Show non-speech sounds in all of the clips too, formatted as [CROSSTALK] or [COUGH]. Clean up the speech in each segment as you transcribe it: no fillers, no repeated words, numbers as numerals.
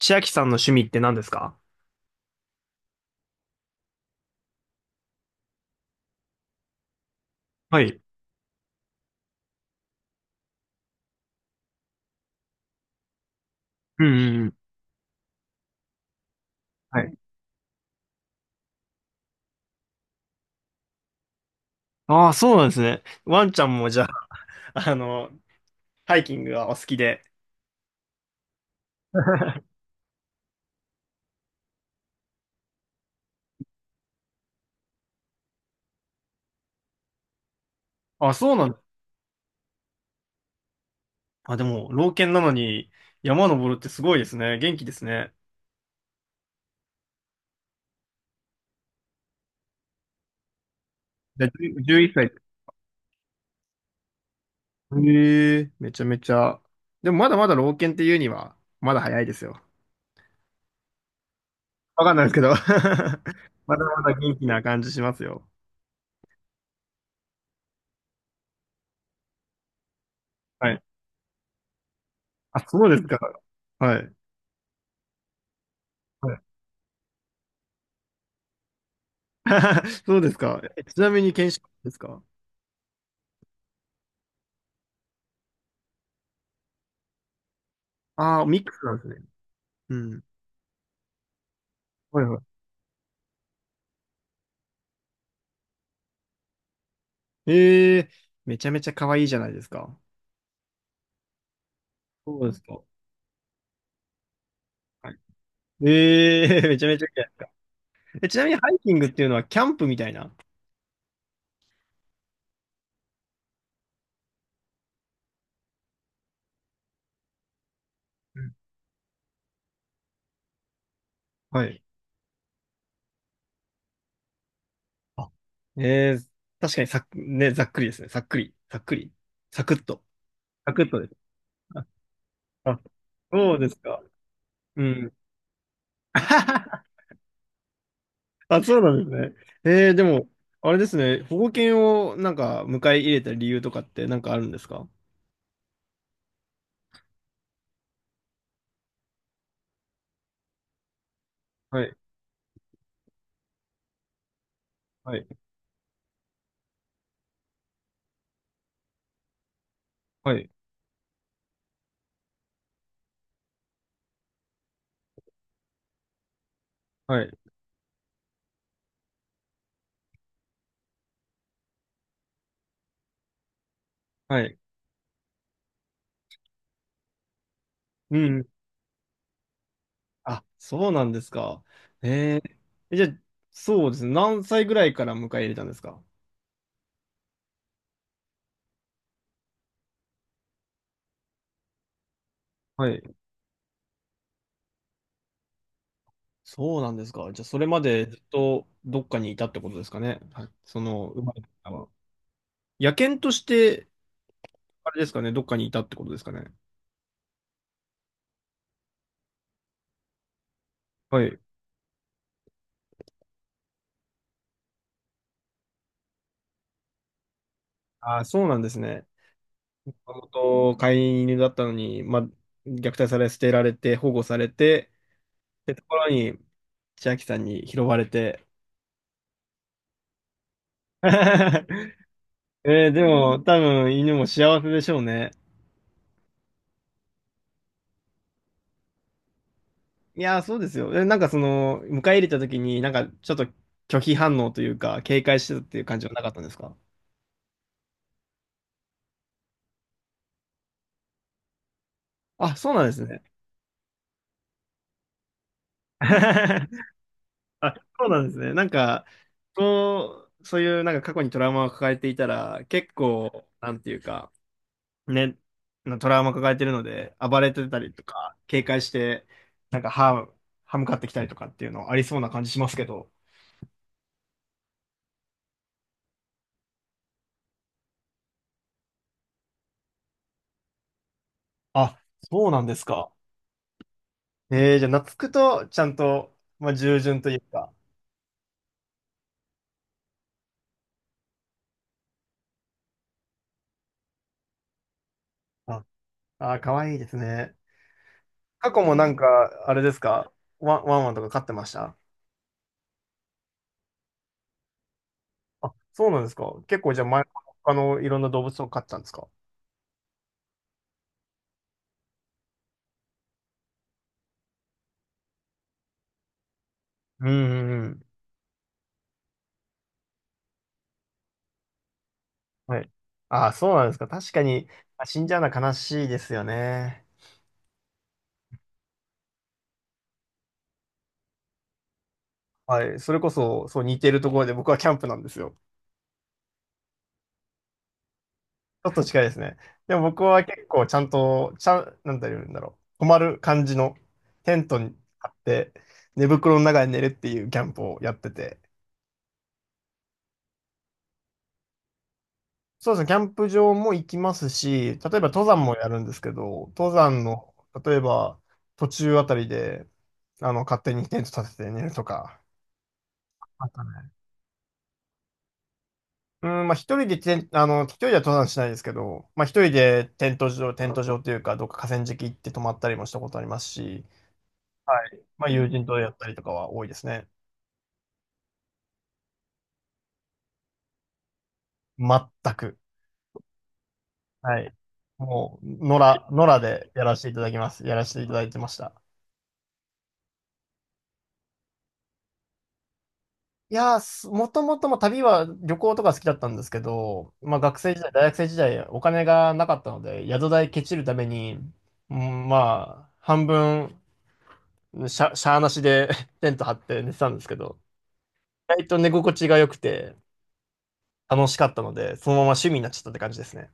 千秋さんの趣味って何ですか？はい。うんうんうん。はい。ああ、そうなんですね。ワンちゃんもじゃあ、[LAUGHS] あの、ハイキングがお好きで。[LAUGHS] あ、そうなんだ。あ、でも、老犬なのに山登るってすごいですね。元気ですね。じゃあ、1 1歳。へえ、めちゃめちゃ。でもまだまだ老犬っていうには、まだ早いですよ。わかんないですけど。[LAUGHS] まだまだ元気な感じしますよ。はい。あ、そうですか。はい。はい。 [LAUGHS] そうですか。ちなみに犬種ですか？ああ、ミックスなんですね。うん。はいはい。ええ。めちゃめちゃ可愛いじゃないですか。そうですか。はい。ええ。 [LAUGHS] めちゃめちゃいいじゃないですか。え、ちなみにハイキングっていうのはキャンプみたいな。うん。はい。あ、ええ、確かにね、ざっくりですね。さっくり。さっくり。サクッと。サクッとです。あ、あ、そうですか。うん。[LAUGHS] あ、そうなんですね。ええ。でも、あれですね。保護犬をなんか迎え入れた理由とかってなんかあるんですか？はい。はい。はい。はい。はい。うん。あ、そうなんですか。えー、じゃあ、そうですね。何歳ぐらいから迎え入れたんですか？はい。そうなんですか。じゃあ、それまでずっとどっかにいたってことですかね。はい。その、生まれてからは。野犬として、あれですかね、どっかにいたってことですかね。はい。あ、そうなんですね。もともと飼い犬だったのに、まあ、虐待され、捨てられて、保護されて、ってところに、千秋さんに拾われて。[LAUGHS] えーでも、多分、犬も幸せでしょうね。いやー、そうですよ。なんかその、迎え入れた時に、なんかちょっと拒否反応というか、警戒してたっていう感じはなかったんですか？あ、そうなんですね。[LAUGHS] あ、そうなんですね。なんか、そう、そういうなんか過去にトラウマを抱えていたら、結構、なんていうか、ね、なトラウマ抱えてるので、暴れてたりとか、警戒して、なんか歯、歯向かってきたりとかっていうのありそうな感じしますけど。あ、そうなんですか。じゃあ、懐くと、ちゃんと、まあ、従順というか、あ、ああ、かわいいですね。過去もなんか、あれですか？ワンワンとか飼ってました？あ、そうなんですか。結構じゃあ前、他のいろんな動物を飼ってたんですか？うんうんうん。はい。ああ、そうなんですか。確かに、死んじゃうのは悲しいですよね。はい。それこそ、そう似てるところで、僕はキャンプなんですよ。ちょっと近いですね。でも僕は結構ちゃんと、ちゃん、なんて言うんだろう。泊まる感じのテントに張って、寝袋の中で寝るっていうキャンプをやってて。そうですね、キャンプ場も行きますし、例えば登山もやるんですけど、登山の、例えば途中あたりで、勝手にテント立てて寝るとか。あったね。うん、まあ一人でテン、あの、一人では登山しないですけど、まあ一人でテント場というか、どっか河川敷行って泊まったりもしたことありますし、はい。まあ友人とやったりとかは多いですね。全く。はい。もう、野良でやらせていただきます。やらせていただいてました。いやー、すもともとも旅は旅行とか好きだったんですけど、まあ学生時代、大学生時代お金がなかったので、宿代ケチるために、うん、まあ、半分、しゃーなしで [LAUGHS] テント張って寝てたんですけど、意外と寝心地が良くて楽しかったので、そのまま趣味になっちゃったって感じですね。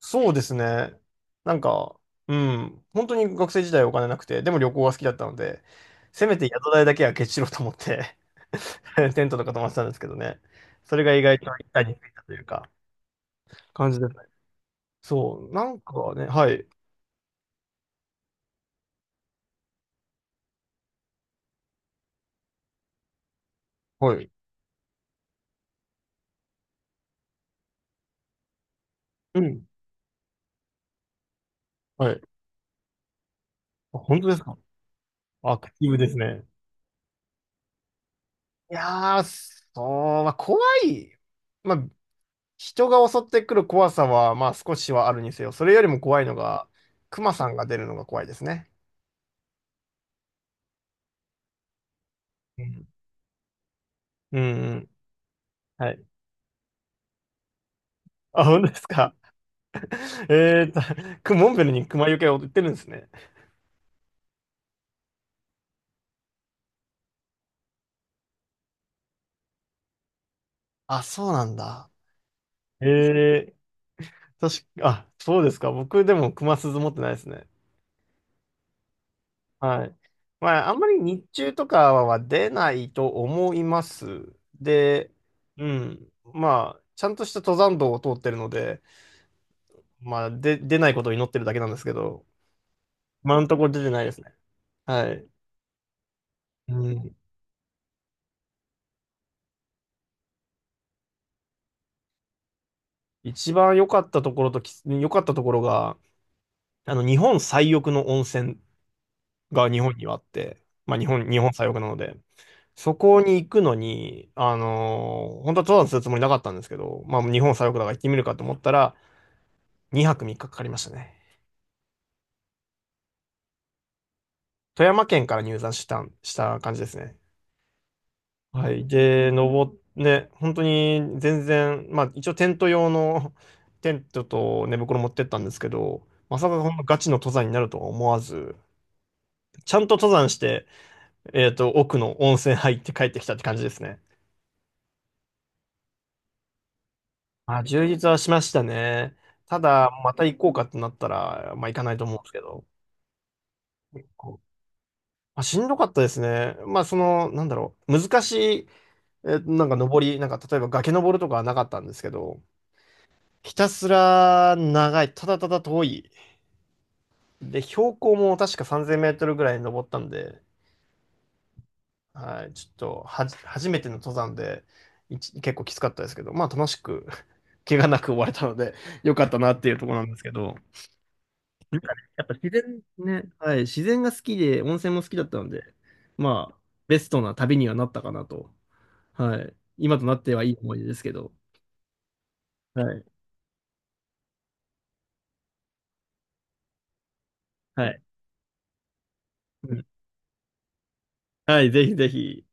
そうですね。なんか、うん、本当に学生時代お金なくて、でも旅行が好きだったので、せめて宿代だけはケチしろうと思って [LAUGHS] テントとか泊まってたんですけどね。それが意外と一体についたというか、感じですね。そう、なんかね、はい、はい、うん、はい。あ、本当ですか？アクティブですね。いやー、そう、まあ、怖い。まあ、人が襲ってくる怖さは、まあ、少しはあるにせよ、それよりも怖いのが、クマさんが出るのが怖いですね。うんうん。はい。あ、本当ですか。[LAUGHS] えーと、モンベルに熊よけを売ってるんですね。あ、そうなんだ。えー、確か、あ、そうですか。僕でも熊鈴持ってないですね。はい。まあ、あんまり日中とかは出ないと思います。で、うん。まあ、ちゃんとした登山道を通ってるので、まあ、で、出ないことを祈ってるだけなんですけど、今のところ出てないですね。はい。うん。一番良かったところとき、良かったところが、あの、日本最奥の温泉が日本にはあって、まあ日本、日本最奥なので、そこに行くのに、本当は登山するつもりなかったんですけど、まあ日本最奥だから行ってみるかと思ったら、2泊3日かかかりましたね。富山県から入山したん、した感じですね。はい。で、ね、本当に全然、まあ一応テント用の [LAUGHS] テントと寝袋持ってったんですけど、まさかこんなガチの登山になるとは思わず、ちゃんと登山して、奥の温泉入って帰ってきたって感じですね。あ、充実はしましたね。ただ、また行こうかってなったら、まあ行かないと思うんですけど。結構あ、しんどかったですね。まあその、なんだろう、難しい、なんかなんか例えば崖登るとかはなかったんですけど、ひたすら長い、ただただ遠い。で、標高も確か3000メートルぐらい登ったんで、はい、ちょっと初めての登山で、結構きつかったですけど、まあ楽しく怪我なく終われたので、[LAUGHS] よかったなっていうところなんですけど、やっぱ自然ね、はい、自然が好きで、温泉も好きだったので、まあ、ベストな旅にはなったかなと。はい。今となってはいい思い出ですけど。はい。はい。うん。はい、ぜひぜひ。